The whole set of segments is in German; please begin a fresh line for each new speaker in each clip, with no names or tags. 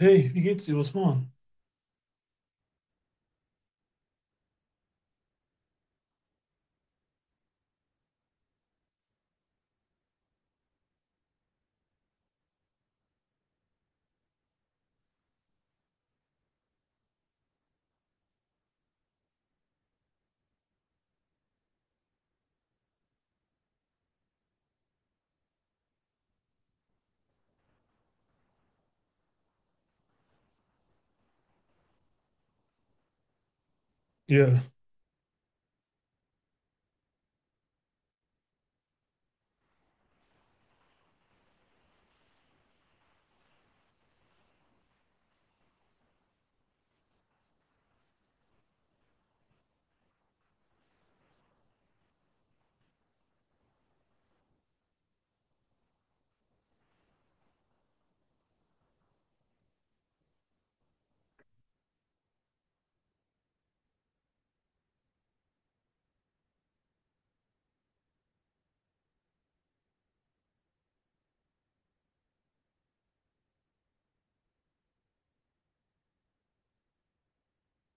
Hey, wie geht's dir? Was machen? Ja,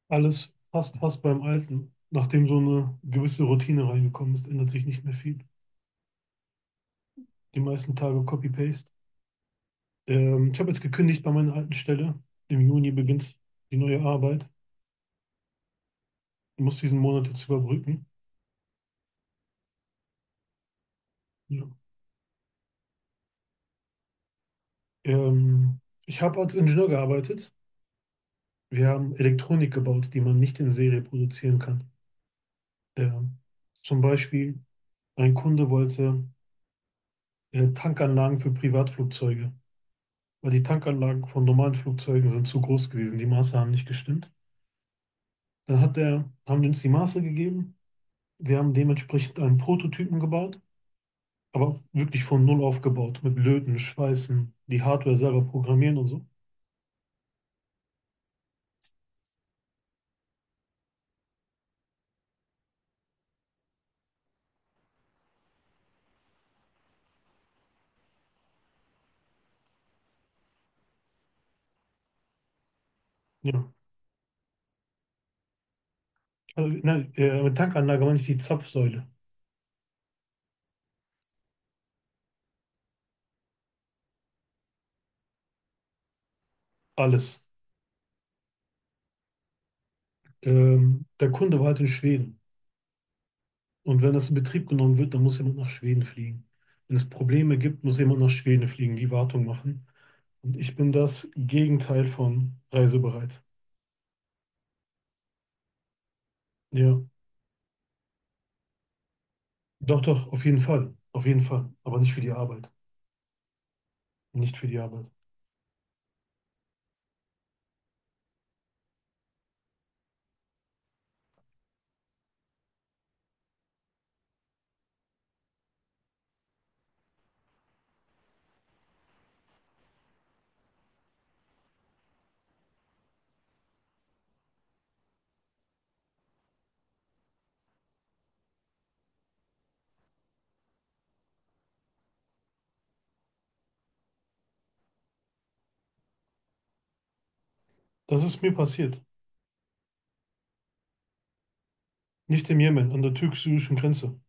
alles fast, fast beim Alten. Nachdem so eine gewisse Routine reingekommen ist, ändert sich nicht mehr viel. Die meisten Tage Copy-Paste. Ich habe jetzt gekündigt bei meiner alten Stelle. Im Juni beginnt die neue Arbeit. Ich muss diesen Monat jetzt überbrücken. Ja. Ähm, ich habe als Ingenieur gearbeitet. Wir haben Elektronik gebaut, die man nicht in Serie produzieren kann. Ähm, zum Beispiel, ein Kunde wollte Tankanlagen für Privatflugzeuge, weil die Tankanlagen von normalen Flugzeugen sind zu groß gewesen Die Maße haben nicht gestimmt. Dann hat der, haben die uns die Maße gegeben. Wir haben dementsprechend einen Prototypen gebaut, aber wirklich von Null aufgebaut, mit Löten, Schweißen, die Hardware selber programmieren und so. Ja. Also, nein, mit Tankanlage meine ich die Zapfsäule. Alles. Der Kunde war halt in Schweden. Und wenn das in Betrieb genommen wird, dann muss jemand nach Schweden fliegen. Wenn es Probleme gibt, muss jemand nach Schweden fliegen, die Wartung machen. Und ich bin das Gegenteil von reisebereit. Ja, doch, doch, auf jeden Fall. Auf jeden Fall. Aber nicht für die Arbeit. Nicht für die Arbeit. Das ist mir passiert. Nicht im Jemen, an der türkisch-syrischen Grenze.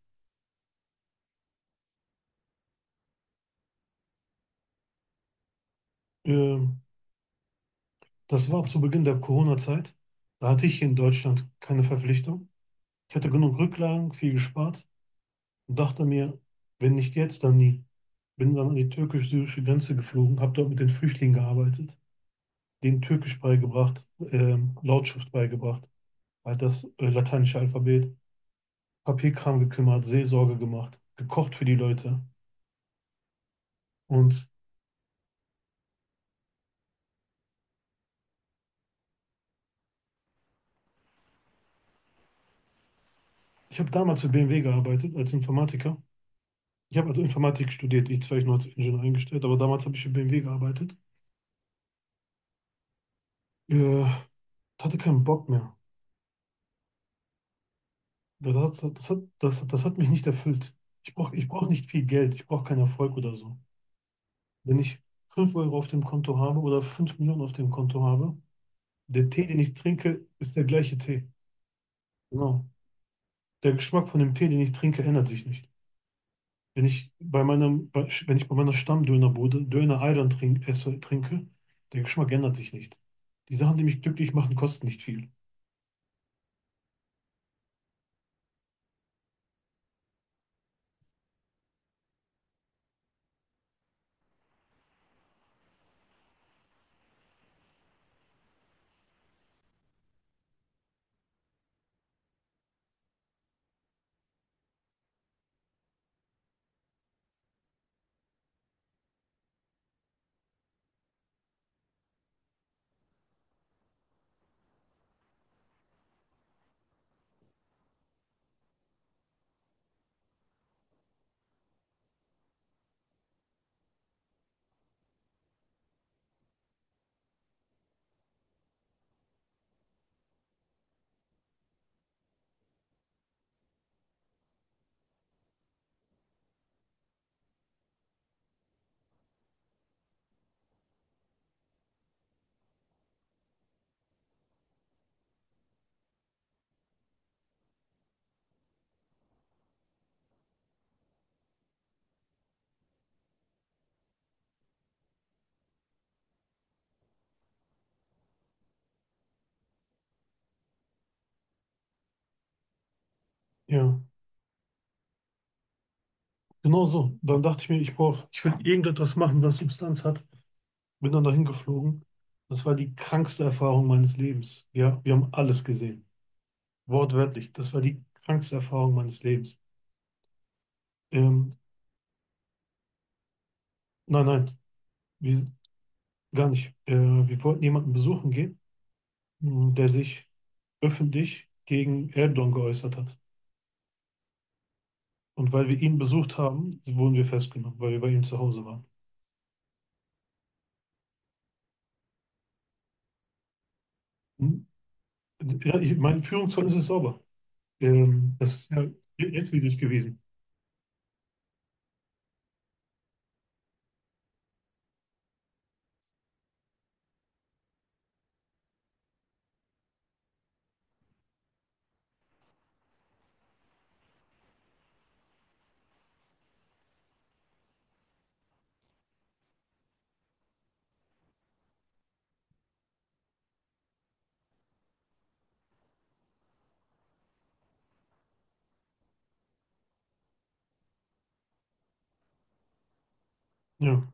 Ähm, das war zu Beginn der Corona-Zeit. Da hatte ich hier in Deutschland keine Verpflichtung. Ich hatte genug Rücklagen, viel gespart und dachte mir, wenn nicht jetzt, dann nie. Bin dann an die türkisch-syrische Grenze geflogen, habe dort mit den Flüchtlingen gearbeitet, denen Türkisch beigebracht, Lautschrift beigebracht, halt das lateinische Alphabet. Papierkram gekümmert, Seelsorge gemacht, gekocht für die Leute. Und ich habe damals für BMW gearbeitet als Informatiker. Ich habe also Informatik studiert, ich zwar ich nur als Ingenieur eingestellt, aber damals habe ich für BMW gearbeitet. Äh, hatte keinen Bock mehr. Das das hat mich nicht erfüllt. Ich brauch nicht viel Geld, ich brauche keinen Erfolg oder so. Wenn ich 5 Euro auf dem Konto habe oder 5 Millionen auf dem Konto habe, der Tee, den ich trinke, ist der gleiche Tee. Genau. Der Geschmack von dem Tee, den ich trinke, ändert sich nicht. Wenn ich bei meinem, bei, wenn ich bei meiner Stammdönerbude Döner Island trinke, der Geschmack ändert sich nicht. Die Sachen, die mich glücklich machen, kosten nicht viel. Ja, genau so. Dann dachte ich mir, ich will irgendetwas machen, das Substanz hat. Bin dann dahin geflogen. Das war die krankste Erfahrung meines Lebens. Ja, wir haben alles gesehen. Wortwörtlich, das war die krankste Erfahrung meines Lebens. Ähm, nein, nein, wir, gar nicht. Wir wollten jemanden besuchen gehen, mh, der sich öffentlich gegen Erdogan geäußert hat. Und weil wir ihn besucht haben, wurden wir festgenommen, weil wir bei ihm zu Hause waren. Hm? Ja, ich, mein Führungszeugnis ist sauber. Das ist ja rechtswidrig gewesen. Ja,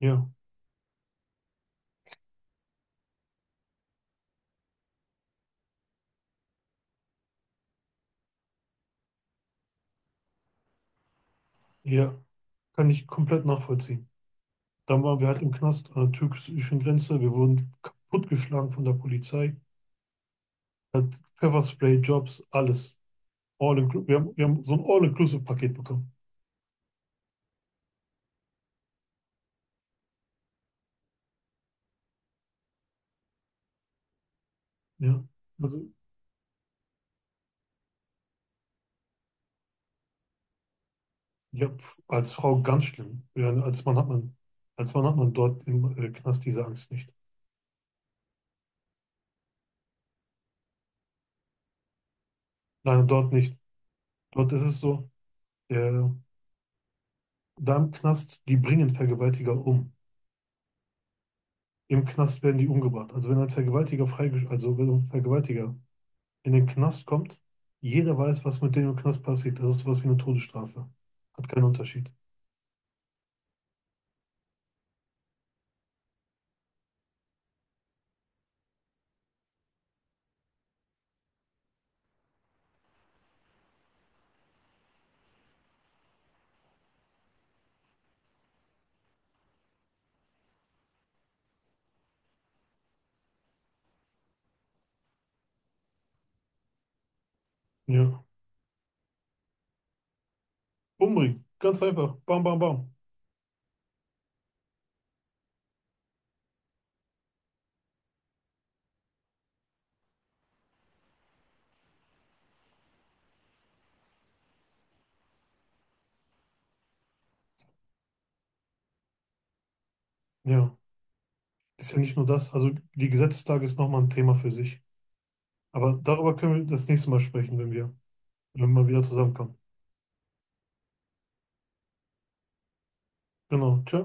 ja, ja. Kann ich komplett nachvollziehen. Dann waren wir halt im Knast an der türkischen Grenze. Wir wurden kaputtgeschlagen von der Polizei. Hat Pfefferspray, Jobs, alles. All inclu- wir haben so ein All-Inclusive-Paket bekommen. Ja. Also, ja, pf, als Frau ganz schlimm. Als Mann hat man dort im Knast diese Angst nicht. Nein, dort nicht. Dort ist es so, der, da im Knast, die bringen Vergewaltiger um. Im Knast werden die umgebracht. Also wenn ein Vergewaltiger in den Knast kommt, jeder weiß, was mit dem im Knast passiert. Das ist sowas wie eine Todesstrafe. Hat keinen Unterschied. Ja. Umbringen. Ganz einfach. Bam, bam, bam. Ja. Ist ja nicht nur das. Also die Gesetzeslage ist nochmal ein Thema für sich. Aber darüber können wir das nächste Mal sprechen, wenn wir, wenn wir mal wieder zusammenkommen. Genau. Tschö.